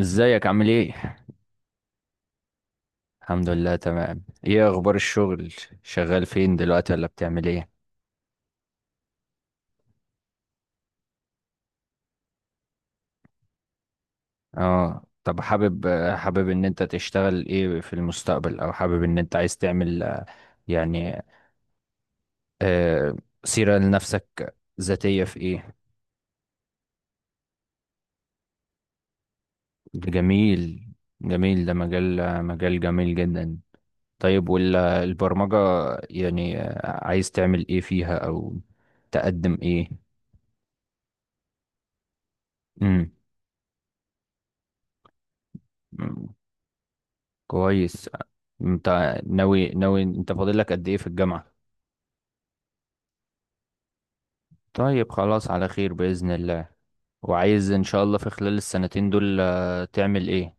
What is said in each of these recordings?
ازيك عامل ايه؟ الحمد لله تمام. ايه اخبار الشغل؟ شغال فين دلوقتي ولا بتعمل ايه؟ اه طب حابب ان انت تشتغل ايه في المستقبل، او حابب ان انت عايز تعمل، يعني آه سيرة لنفسك ذاتية في ايه؟ جميل. جميل، ده مجال جميل جدا. طيب والبرمجة، يعني عايز تعمل ايه فيها، او تقدم ايه؟ امم كويس. انت ناوي، انت فاضل لك قد ايه في الجامعة؟ طيب، خلاص على خير بإذن الله. وعايز ان شاء الله في خلال السنتين دول تعمل ايه؟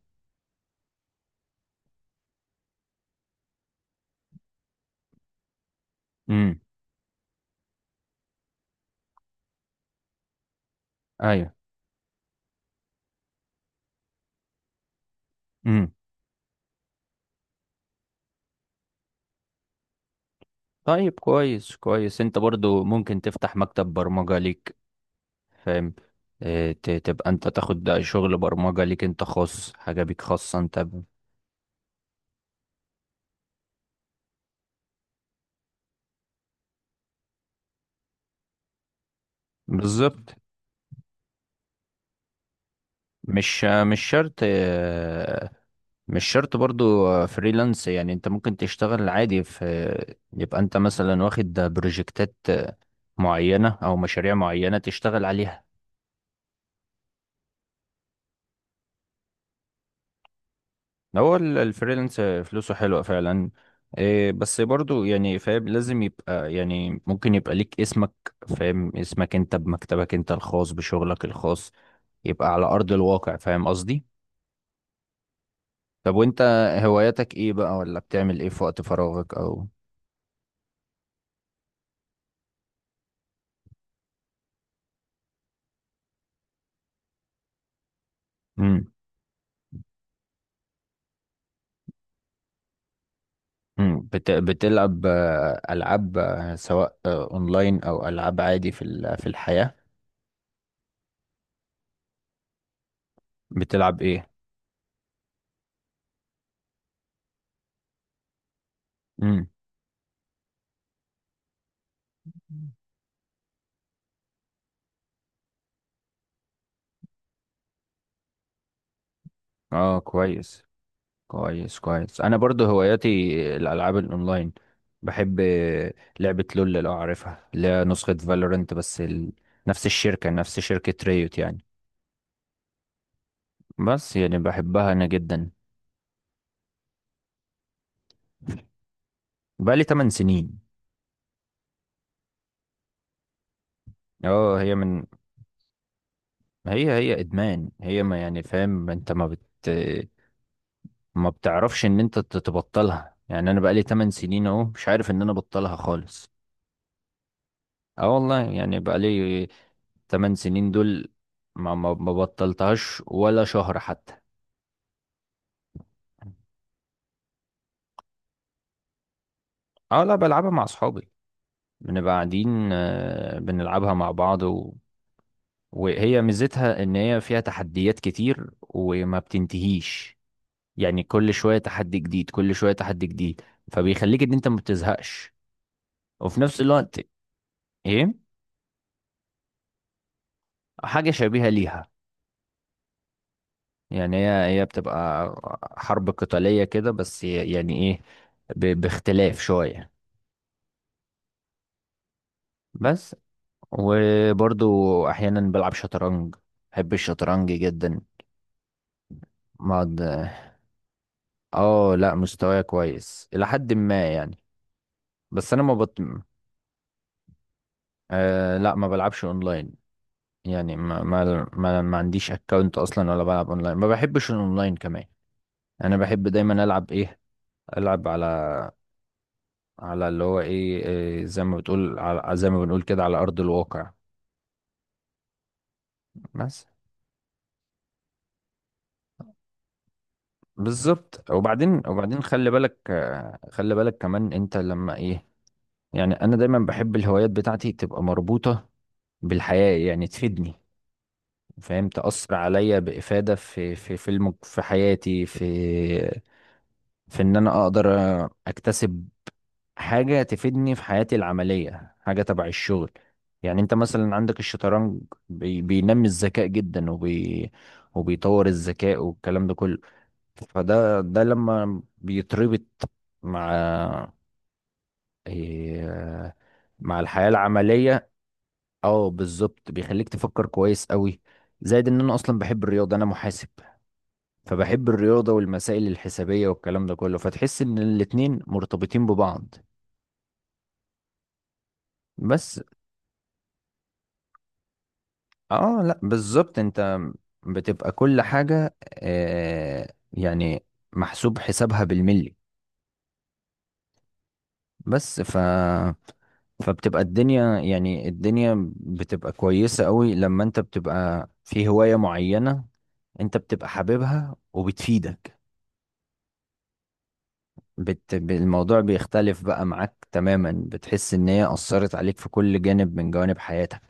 امم. ايوه. امم. طيب كويس. كويس، انت برضو ممكن تفتح مكتب برمجة ليك، فاهم؟ تبقى انت تاخد شغل برمجة ليك انت خاص، حاجة بيك خاصة انت بالظبط. مش مش شرط، مش شرط برضو، فريلانس. يعني انت ممكن تشتغل عادي، في يبقى انت مثلا واخد بروجكتات معينة او مشاريع معينة تشتغل عليها. هو الفريلانس فلوسه حلوة فعلا. إيه، بس برضو يعني فاهم، لازم يبقى، يعني ممكن يبقى ليك اسمك، فاهم؟ اسمك انت بمكتبك انت الخاص بشغلك الخاص، يبقى على ارض الواقع، فاهم قصدي؟ طب وانت هواياتك ايه بقى، ولا بتعمل ايه في وقت فراغك؟ او مم. مم. بتلعب ألعاب سواء أونلاين أو ألعاب عادي في الحياة؟ بتلعب إيه؟ مم. اه كويس. كويس، أنا برضو هواياتي الألعاب الأونلاين. بحب لعبة لول، لو عارفها، اللي هي نسخة فالورنت، بس نفس شركة ريوت يعني. بس يعني بحبها أنا جدا. بقالي 8 سنين. اه هي من، هي ادمان، هي، ما يعني، فاهم انت ما بتعرفش ان انت تبطلها. يعني انا بقالي 8 سنين اهو، مش عارف ان انا ابطلها خالص. اه والله يعني بقالي 8 سنين دول، ما بطلتهاش ولا شهر حتى. اه لا، بلعبها مع اصحابي. بنبقى قاعدين بنلعبها مع بعض. وهي ميزتها ان هي فيها تحديات كتير وما بتنتهيش، يعني كل شوية تحدي جديد، كل شوية تحدي جديد. فبيخليك ان انت ما بتزهقش، وفي نفس الوقت. ايه، حاجة شبيهة ليها. يعني هي بتبقى حرب قتالية كده، بس يعني ايه، باختلاف شوية. بس. وبرضو احيانا بلعب شطرنج، بحب الشطرنج جدا. بقعد. اه لا، مستواي كويس الى حد ما يعني، بس انا ما بط... لا، ما بلعبش اونلاين. يعني ما عنديش اكونت اصلا، ولا بلعب اونلاين، ما بحبش الاونلاين كمان. انا بحب دايما العب ايه، العب على، على اللي هو ايه، إيه، زي ما بنقول كده على ارض الواقع. بس. بالظبط. وبعدين، خلي بالك كمان، انت لما ايه، يعني انا دايما بحب الهوايات بتاعتي تبقى مربوطة بالحياة، يعني تفيدني، فاهم؟ تأثر عليا بإفادة في حياتي، في. في ان انا اقدر اكتسب حاجة تفيدني في حياتي العملية، حاجة تبع الشغل. يعني انت مثلا عندك الشطرنج، بينمي الذكاء جدا، وبيطور الذكاء والكلام ده كله. فده لما بيتربط مع، إيه... مع الحياة العملية. اه بالظبط، بيخليك تفكر كويس قوي. زائد ان انا اصلا بحب الرياضة، انا محاسب، فبحب الرياضة والمسائل الحسابية والكلام ده كله، فتحس ان الاتنين مرتبطين ببعض. بس. اه لا بالظبط، انت بتبقى كل حاجة يعني محسوب حسابها بالملي. بس فبتبقى الدنيا، يعني الدنيا بتبقى كويسة قوي لما انت بتبقى في هواية معينة، انت بتبقى حاببها وبتفيدك. الموضوع بيختلف بقى معاك تماما، بتحس ان هي أثرت عليك في كل جانب من جوانب حياتك.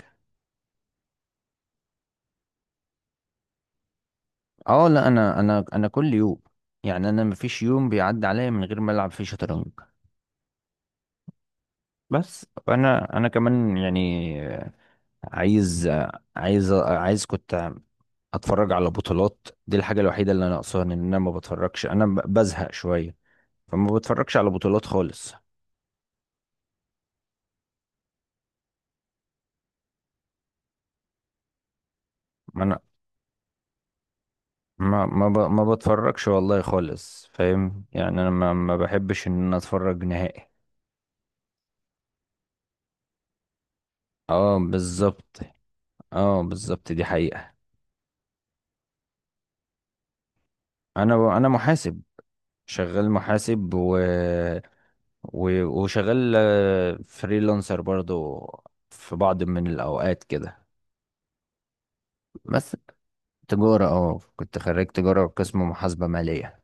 اه لا، انا كل يوم، يعني انا مفيش يوم بيعدي عليا من غير ما العب فيه شطرنج. بس انا كمان يعني، عايز عايز كنت اتفرج على بطولات. دي الحاجه الوحيده اللي انا ناقصاها، ان انا ما بتفرجش، انا بزهق شويه، فما بتفرجش على بطولات خالص. ما انا، ما بتفرجش والله خالص، فاهم؟ يعني انا ما بحبش ان انا اتفرج نهائي. اه بالظبط. اه بالظبط، دي حقيقه. انا محاسب. شغال محاسب، وشغال فريلانسر برضو في بعض من الأوقات كده. بس تجارة. اه كنت خريج تجارة قسم محاسبة مالية.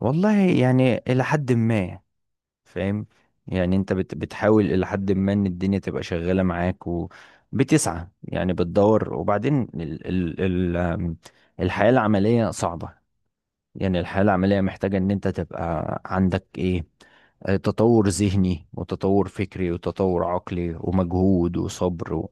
والله يعني إلى حد ما، فاهم؟ يعني أنت بتحاول إلى حد ما إن الدنيا تبقى شغالة معاك، وبتسعى يعني بتدور، وبعدين ال ال ال آم، الحياة العملية صعبة. يعني الحياة العملية محتاجة ان انت تبقى عندك ايه، تطور ذهني وتطور فكري وتطور عقلي ومجهود وصبر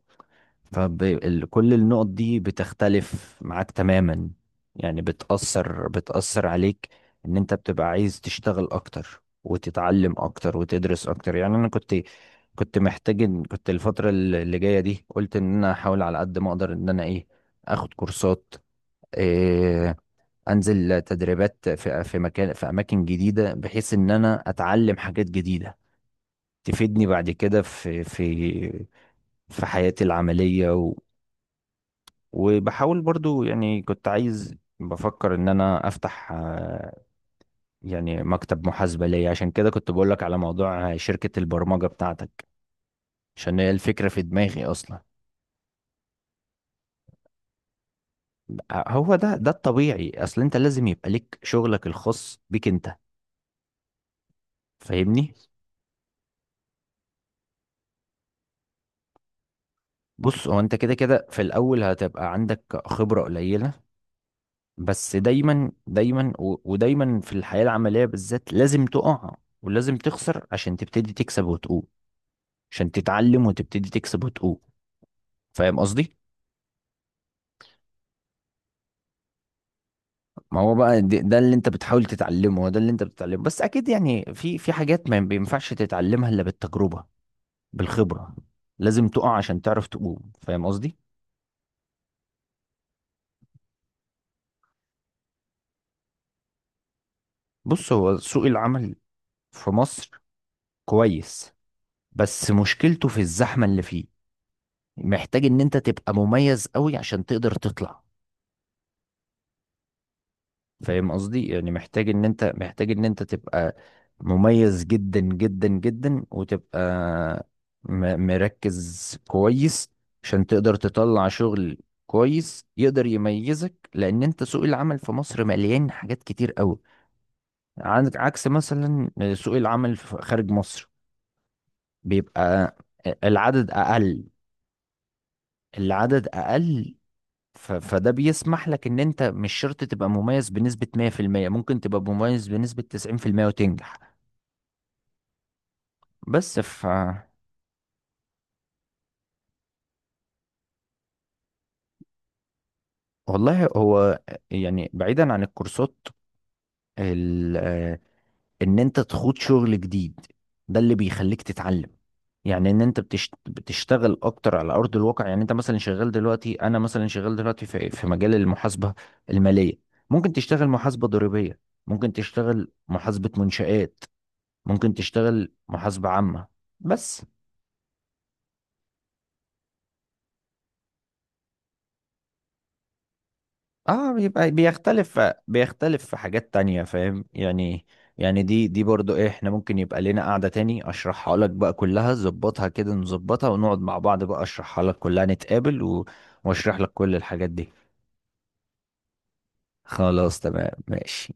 فكل النقط دي بتختلف معاك تماما، يعني بتأثر عليك، ان انت بتبقى عايز تشتغل اكتر وتتعلم اكتر وتدرس اكتر. يعني انا كنت، كنت الفترة اللي جاية دي قلت ان انا احاول على قد ما اقدر، ان انا ايه، اخد كورسات، آه، انزل تدريبات في في مكان في اماكن جديده، بحيث ان انا اتعلم حاجات جديده تفيدني بعد كده في حياتي العمليه، وبحاول برضو، يعني كنت عايز بفكر ان انا افتح، يعني مكتب محاسبه ليا، عشان كده كنت بقول لك على موضوع شركه البرمجه بتاعتك، عشان هي الفكره في دماغي اصلا. هو ده الطبيعي، اصل انت لازم يبقى لك شغلك الخاص بيك انت، فاهمني؟ بص، هو انت كده كده في الاول هتبقى عندك خبرة قليلة، بس دايما ودايما في الحياة العملية بالذات لازم تقع، ولازم تخسر عشان تبتدي تكسب وتقوم، عشان تتعلم وتبتدي تكسب وتقوم، فاهم قصدي؟ ما هو بقى ده اللي انت بتحاول تتعلمه، هو ده اللي انت بتتعلمه، بس اكيد يعني في حاجات ما بينفعش تتعلمها الا بالتجربة، بالخبرة. لازم تقع عشان تعرف تقوم، فاهم قصدي؟ بص، هو سوق العمل في مصر كويس، بس مشكلته في الزحمة اللي فيه، محتاج ان انت تبقى مميز قوي عشان تقدر تطلع، فاهم قصدي؟ يعني محتاج ان انت، تبقى مميز جدا جدا جدا، وتبقى مركز كويس عشان تقدر تطلع شغل كويس يقدر يميزك. لان انت سوق العمل في مصر مليان حاجات كتير قوي، عندك عكس مثلا سوق العمل خارج مصر، بيبقى العدد اقل، العدد اقل. فده بيسمح لك ان انت مش شرط تبقى مميز بنسبة 100%، ممكن تبقى مميز بنسبة 90% وتنجح. بس والله، هو يعني بعيدا عن الكورسات، ال... آه، ان انت تخوض شغل جديد، ده اللي بيخليك تتعلم. يعني ان انت بتشتغل اكتر على ارض الواقع. يعني انت مثلا شغال دلوقتي انا مثلا شغال دلوقتي في في مجال المحاسبة المالية، ممكن تشتغل محاسبة ضريبية، ممكن تشتغل محاسبة منشآت، ممكن تشتغل محاسبة عامة. بس اه بيبقى بيختلف، بيختلف في حاجات تانية، فاهم يعني؟ يعني دي برضو ايه، احنا ممكن يبقى لنا قعدة تاني اشرحها لك بقى كلها، ظبطها كده نظبطها ونقعد مع بعض بقى اشرحها لك كلها، نتقابل واشرح لك كل الحاجات دي. خلاص تمام ماشي.